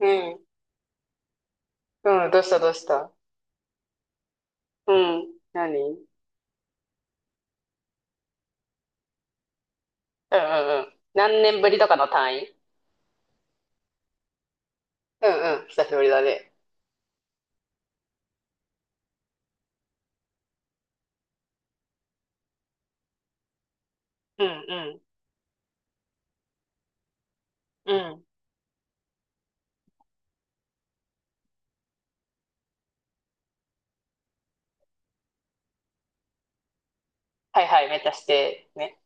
うん。うん。どうしたどうした。うん。何？うんうんうん。何年ぶりとかの単位？うんうん。久しぶりだね。うんうん。うん。はいはい。めっちゃして。ね。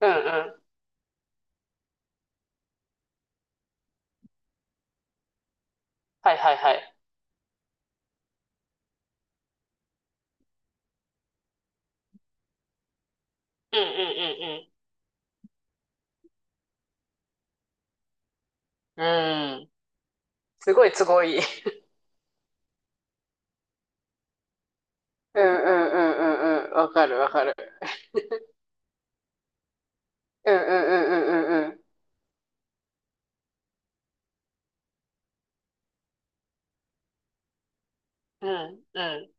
うんうん。はいはいはい。うんうんうんうん。うん。すごいすごいい。うんうんうんうんうん。わかるわかる。うんうんうんうんうんうん。うんうん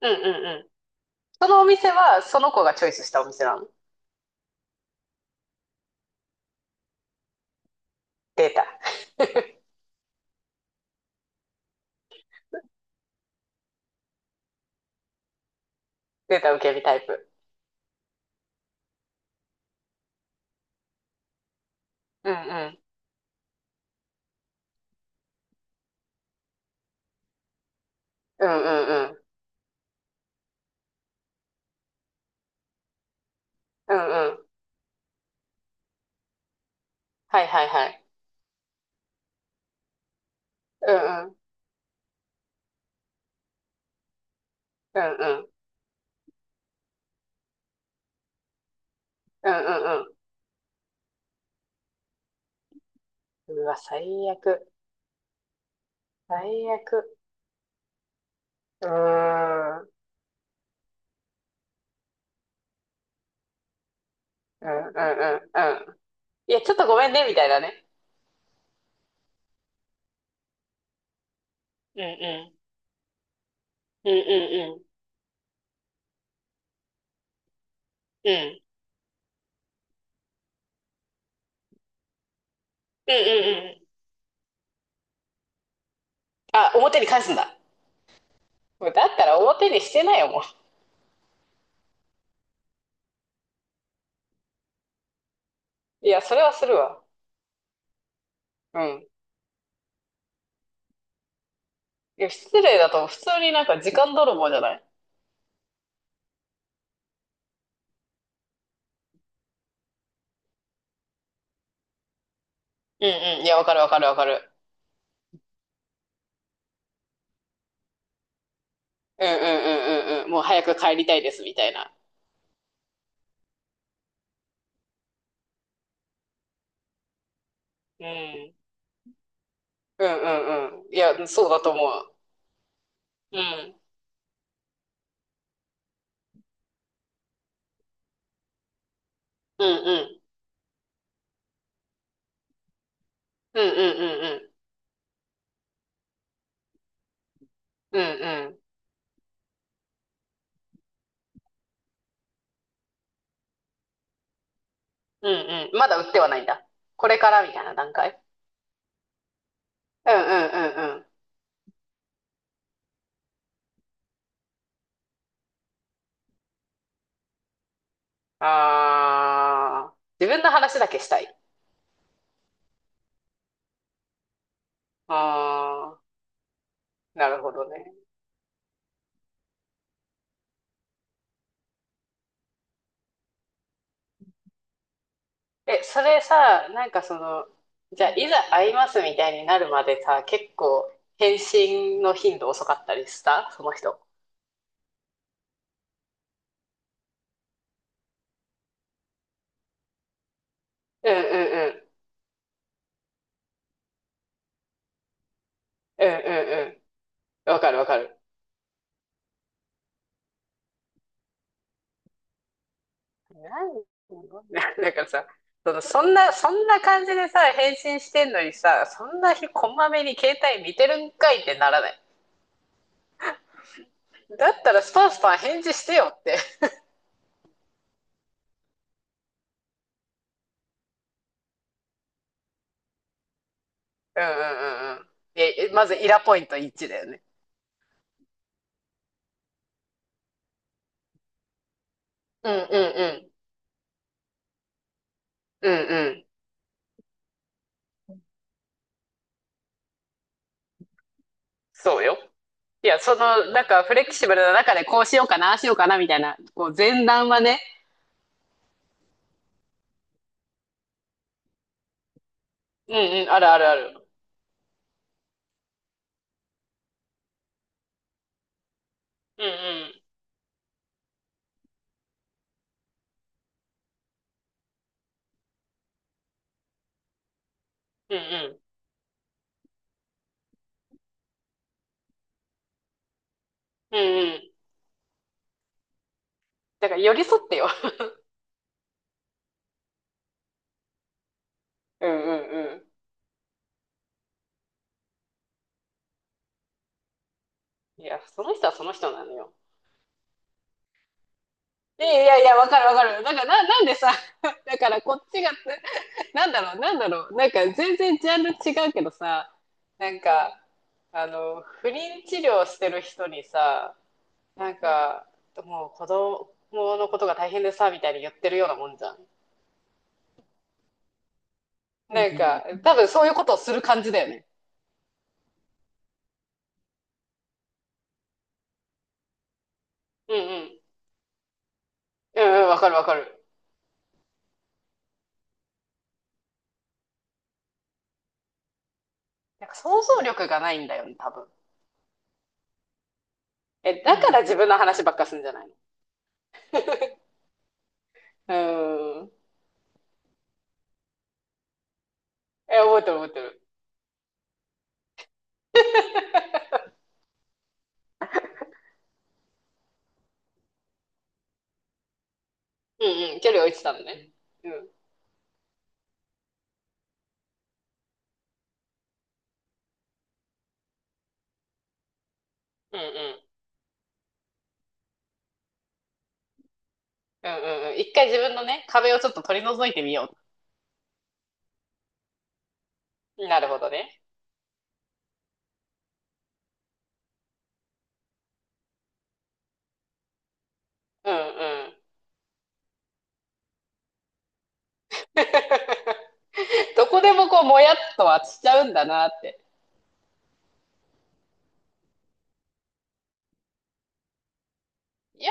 うんうん。そのお店は、その子がチョイスしたお店なの？データ。データ受け身タイプ。うんうん。うんうんうん。うんうん。はいはいはい。うんうんうん。うんうんうん。うわ、最悪。最悪。うーん。うんうんうんうん。いや、ちょっとごめんね、みたいなね。うんうん。うんうんうん。うん。うんうんうん。あ、表に返すんだ。もうだったら表にしてないよ、もう。いや、それはするわ。うん。いや、失礼だと、普通になんか時間泥棒じゃない？うんうん。いや、わかるわかるわかる。うんうんうんうんうん。もう早く帰りたいです、みたいな。うん。うんうんうん。いや、そうだと思う。うん。うんうん。うんうんうんうん。うんうん。うんうん。まだ売ってはないんだ。これからみたいな段階。うんうんうんうん。ああ、自分の話だけしたい。ああ、なるほどね。え、それさ、なんかその、じゃあ、いざ会いますみたいになるまでさ、結構、返信の頻度遅かったりしたその人？うんうんうん。うんうんうん。わかるわかる。なん、なだからさ、その、そんな、そんな感じでさ、返信してんのにさ、そんな日こまめに携帯見てるんかいってならない？だったらスパンスパン返事してよって。うんうんうんうん。え、まずイラポイント1だよね。うんうんうん。うんうん。そうよ。いや、その、なんかフレキシブルな中でこうしようかな、ああしようかなみたいな、こう前段はね。うんうん、あるあるある。うんうん。うんうん。うんうん。だから寄り添ってよ。うんうんうん。いや、その人はその人なのよ。いやいやいや、わかるわかる。だからな、なんでさ、だからこっちが、なんだろう、なんだろう、なんか全然ジャンル違うけどさ、なんか、あの、不妊治療してる人にさ、なんか、もう子供のことが大変でさ、みたいに言ってるようなもんじゃん。なんか、多分そういうことをする感じだよね。うんうん。うんうん、わかるわかる。なんか想像力がないんだよね、多分。え、だから自分の話ばっかすんじゃないの？ うーん。え、覚えてる覚えてる。うんうん、距離を置いてたのね。うん。うんうん。うんうんうん。一回自分のね、壁をちょっと取り除いてみよう。なるほどね。うんうん。どこでもこう、もやっとはしちゃうんだなって。いや、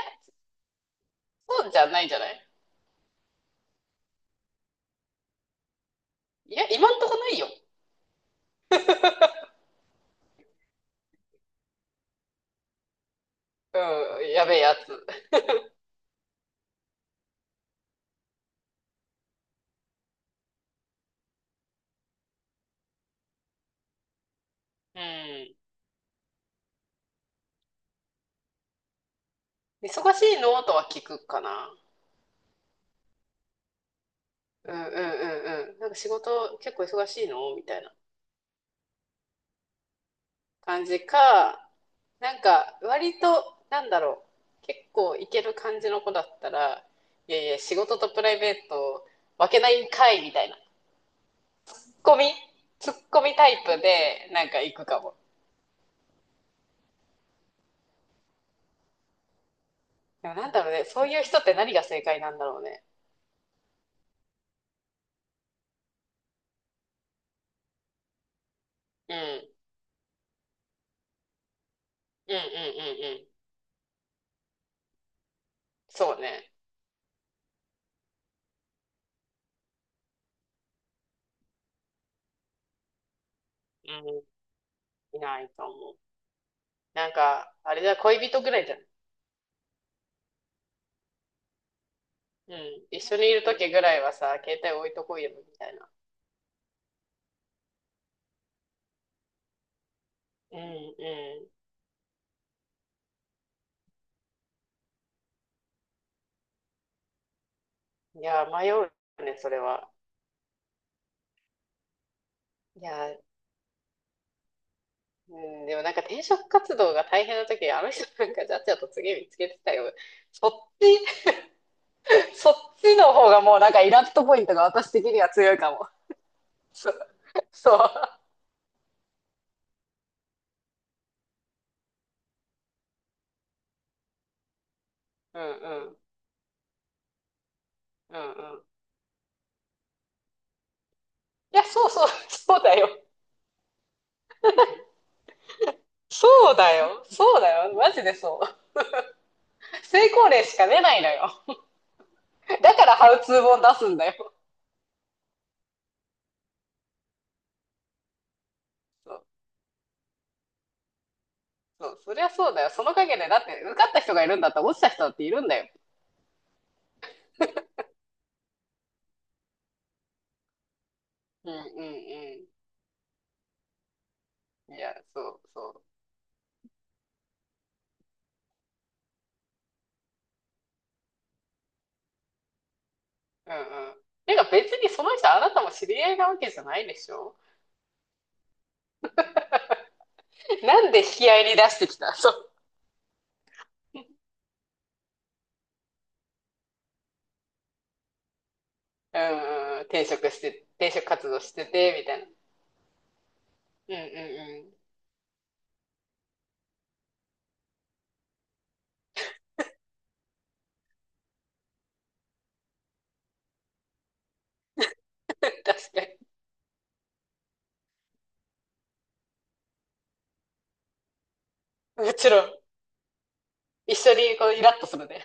そうじゃないんじゃない？いや、今んとこないよ。うん、やべえやつ。うん。忙しいのとは聞くかな。うんうんうんうん。なんか仕事結構忙しいの、みたいな。感じか、なんか割と、なんだろう、結構いける感じの子だったら、いやいや、仕事とプライベート分けないんかいみたいな、ツッコミ、ツッコミタイプでなんか行くかも。でもなんだろうね、そういう人って何が正解なんだろうね。うん、うん、うん、うん、うん。そうね。うん、いないと思う。なんか、あれだ、恋人ぐらいじゃん。うん、一緒にいる時ぐらいはさ、携帯置いとこうよみたいな。うん、うん。いや、迷うね、それは。いやー、うん、でもなんか転職活動が大変な時、あの人なんかじゃっちゃと次見つけてたよ。そっち、そっちの方がもうなんかイラッとポイントが私的には強いかも。そう。そう。うんうん。うんうん。いや、そうそう、そうだよ。そうだよ。そうだよ。マジでそう。成功例しか出ないのよ。だからハウツー本出すんだよ。そう。そう。そりゃそうだよ。その陰で、だって受かった人がいるんだったら落ちた人だっているんだよ。うんうんうん。いや、そうそう。うんうん。てか別にその人あなたも知り合いなわけじゃないでしょ？ なんで引き合いに出してきた？ そう。うんうん。転職して、転職活動してて、みたいな。うんうんうん。確かに。もちろん。一緒にこうイラッとするね。